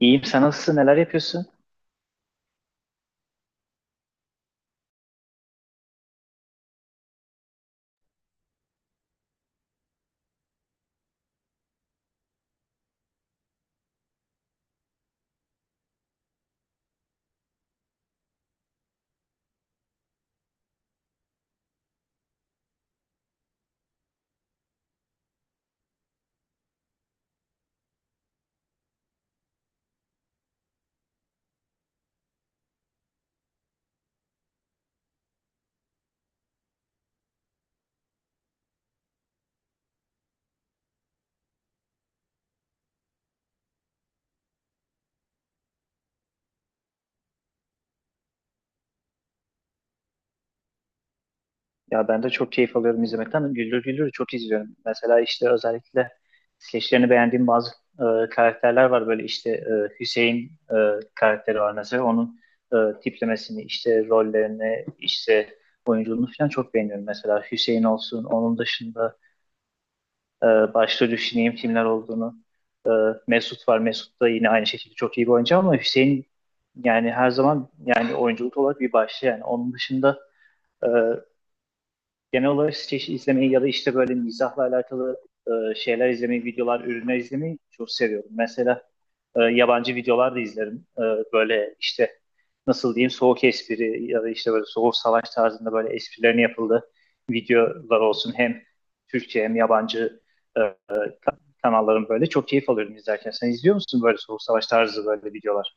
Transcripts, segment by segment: İyiyim. Sen nasılsın? Neler yapıyorsun? Ya ben de çok keyif alıyorum izlemekten. Güldür güldür çok izliyorum. Mesela işte özellikle skeçlerini beğendiğim bazı karakterler var. Böyle işte Hüseyin karakteri var mesela. Onun tiplemesini, işte rollerini, işte oyunculuğunu falan çok beğeniyorum. Mesela Hüseyin olsun. Onun dışında başta düşüneyim kimler olduğunu. E, Mesut var. Mesut da yine aynı şekilde çok iyi bir oyuncu ama Hüseyin yani her zaman yani oyunculuk olarak bir başta yani. Onun dışında e, genel olarak skeç izlemeyi ya da işte böyle mizahla alakalı şeyler izlemeyi, videolar, ürünler izlemeyi çok seviyorum. Mesela yabancı videolar da izlerim. Böyle işte nasıl diyeyim soğuk espri ya da işte böyle soğuk savaş tarzında böyle esprilerin yapıldığı videolar olsun. Hem Türkçe hem yabancı e, e, kanalların böyle çok keyif alıyorum izlerken. Sen izliyor musun böyle soğuk savaş tarzı böyle videolar?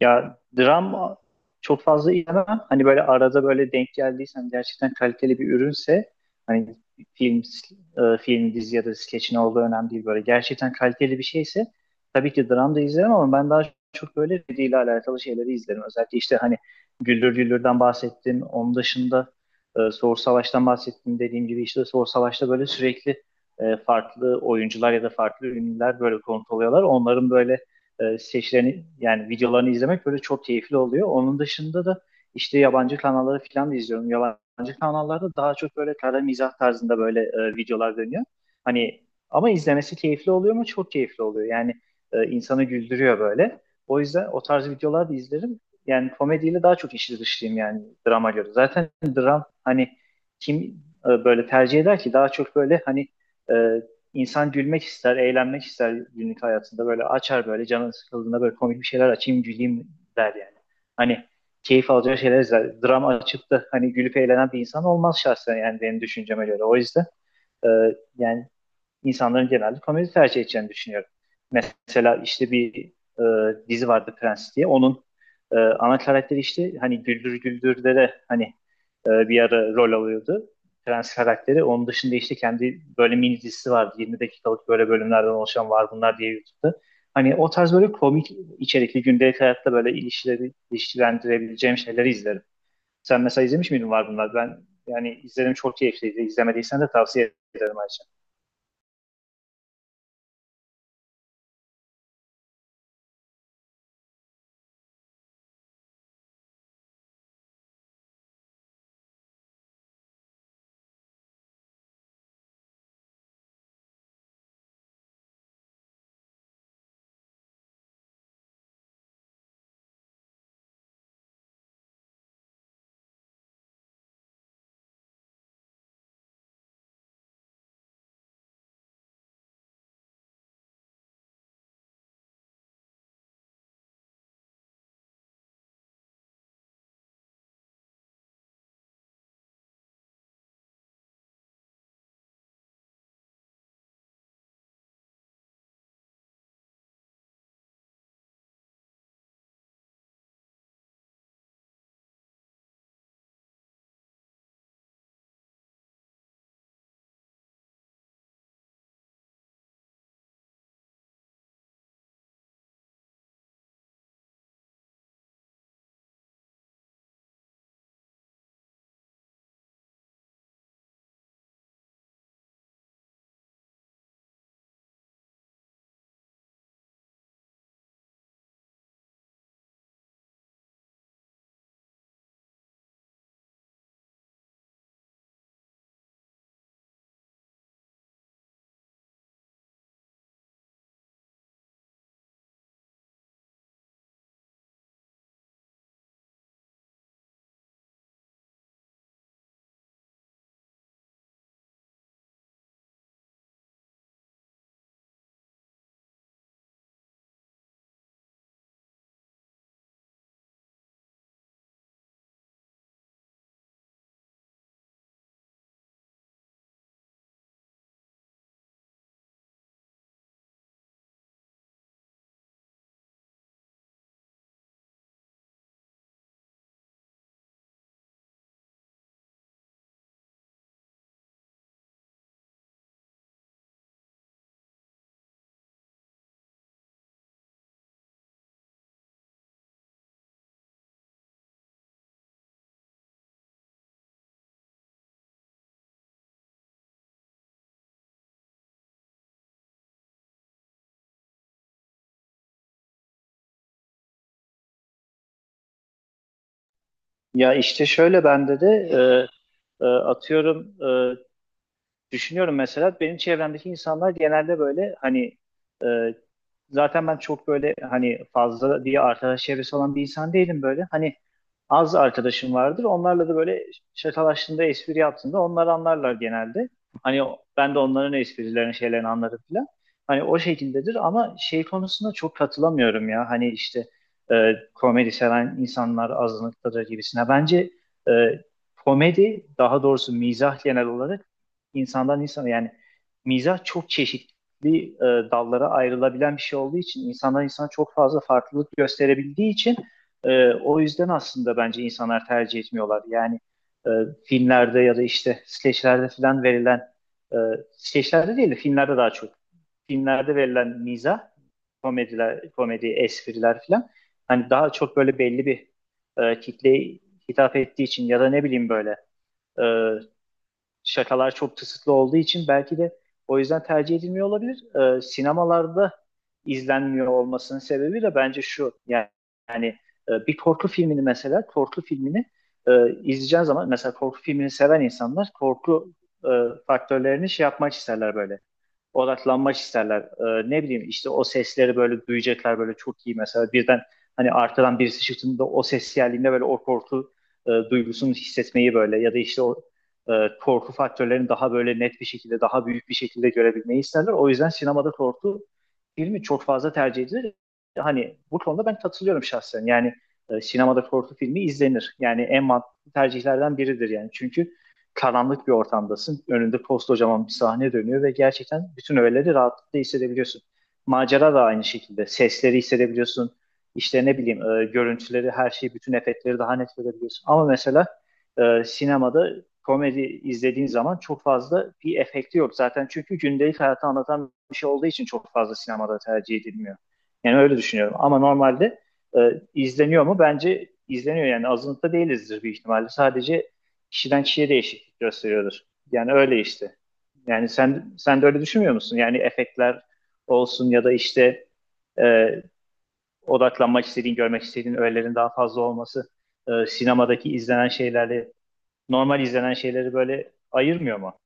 Ya dram çok fazla izlemem. Hani böyle arada böyle denk geldiysen gerçekten kaliteli bir ürünse hani film, film, dizi ya da skeç ne olduğu önemli değil böyle. Gerçekten kaliteli bir şeyse tabii ki dram da izlerim ama ben daha çok böyle ile alakalı şeyleri izlerim. Özellikle işte hani Güldür Güldür'den bahsettim. Onun dışında Soğur Savaş'tan bahsettim. Dediğim gibi işte Soğur Savaş'ta böyle sürekli farklı oyuncular ya da farklı ünlüler böyle konut oluyorlar. Onların böyle seçilerini yani videolarını izlemek böyle çok keyifli oluyor. Onun dışında da işte yabancı kanalları falan da izliyorum. Yabancı kanallarda daha çok böyle kara mizah tarzında böyle videolar dönüyor. Hani ama izlemesi keyifli oluyor mu? Çok keyifli oluyor. Yani insanı güldürüyor böyle. O yüzden o tarz videolar da izlerim. Yani komediyle daha çok işi dışlıyım yani drama göre. Zaten dram hani kim böyle tercih eder ki daha çok böyle hani e, İnsan gülmek ister, eğlenmek ister günlük hayatında. Böyle açar böyle canın sıkıldığında böyle komik bir şeyler açayım güleyim der yani. Hani keyif alacağı şeyler izler. Dram açıp da hani gülüp eğlenen bir insan olmaz şahsen yani benim düşünceme göre. O yüzden e, yani insanların genelde komedi tercih edeceğini düşünüyorum. Mesela işte bir e, dizi vardı Prens diye. Onun ana karakteri işte hani Güldür Güldür'de de hani bir ara rol alıyordu. Prens karakteri. Onun dışında işte kendi böyle mini dizisi vardı. 20 dakikalık böyle bölümlerden oluşan var bunlar diye YouTube'da. Hani o tarz böyle komik içerikli gündelik hayatta böyle ilişkileri, ilişkilendirebileceğim şeyleri izlerim. Sen mesela izlemiş miydin var bunlar? Ben yani izledim çok keyifliydi. İzlemediysen de tavsiye ederim ayrıca. Ya işte şöyle bende de atıyorum düşünüyorum mesela benim çevremdeki insanlar genelde böyle hani e, zaten ben çok böyle hani fazla diye arkadaş çevresi olan bir insan değilim böyle. Hani az arkadaşım vardır. Onlarla da böyle şakalaştığında, espri yaptığında onlar anlarlar genelde. Hani ben de onların esprilerini, şeylerini anlarım falan. Hani o şekildedir ama şey konusunda çok katılamıyorum ya. Hani işte e, komedi seven insanlar azınlıktadır gibisine. Bence e, komedi, daha doğrusu mizah genel olarak insandan insana yani mizah çok çeşitli dallara ayrılabilen bir şey olduğu için insandan insana çok fazla farklılık gösterebildiği için o yüzden aslında bence insanlar tercih etmiyorlar. Yani e, filmlerde ya da işte skeçlerde falan verilen e, skeçlerde değil de filmlerde daha çok filmlerde verilen mizah, komediler, komedi, espriler falan hani daha çok böyle belli bir kitleye hitap ettiği için ya da ne bileyim böyle e, şakalar çok tısıtlı olduğu için belki de o yüzden tercih edilmiyor olabilir. Sinemalarda izlenmiyor olmasının sebebi de bence şu. Yani, yani bir korku filmini mesela korku filmini e, izleyeceğin zaman mesela korku filmini seven insanlar korku e, faktörlerini şey yapmak isterler böyle odaklanmak isterler. Ne bileyim işte o sesleri böyle duyacaklar böyle çok iyi mesela birden hani arkadan birisi çıktığında o ses geldiğinde böyle o korku duygusunu hissetmeyi böyle ya da işte o e, korku faktörlerini daha böyle net bir şekilde daha büyük bir şekilde görebilmeyi isterler. O yüzden sinemada korku filmi çok fazla tercih edilir. Hani bu konuda ben katılıyorum şahsen. Yani sinemada korku filmi izlenir. Yani en mantıklı tercihlerden biridir yani. Çünkü karanlık bir ortamdasın. Önünde koskocaman bir sahne dönüyor ve gerçekten bütün öğeleri rahatlıkla hissedebiliyorsun. Macera da aynı şekilde. Sesleri hissedebiliyorsun. İşte ne bileyim görüntüleri, her şeyi, bütün efektleri daha net görebiliyorsun. Ama mesela sinemada komedi izlediğin zaman çok fazla bir efekti yok zaten. Çünkü gündelik hayatı anlatan bir şey olduğu için çok fazla sinemada tercih edilmiyor. Yani öyle düşünüyorum. Ama normalde e, izleniyor mu? Bence izleniyor yani azınlıkta değilizdir büyük ihtimalle. Sadece kişiden kişiye değişiklik gösteriyordur. Yani öyle işte. Yani sen de öyle düşünmüyor musun? Yani efektler olsun ya da işte e, odaklanmak istediğin, görmek istediğin öğelerin daha fazla olması sinemadaki izlenen şeylerle normal izlenen şeyleri böyle ayırmıyor mu?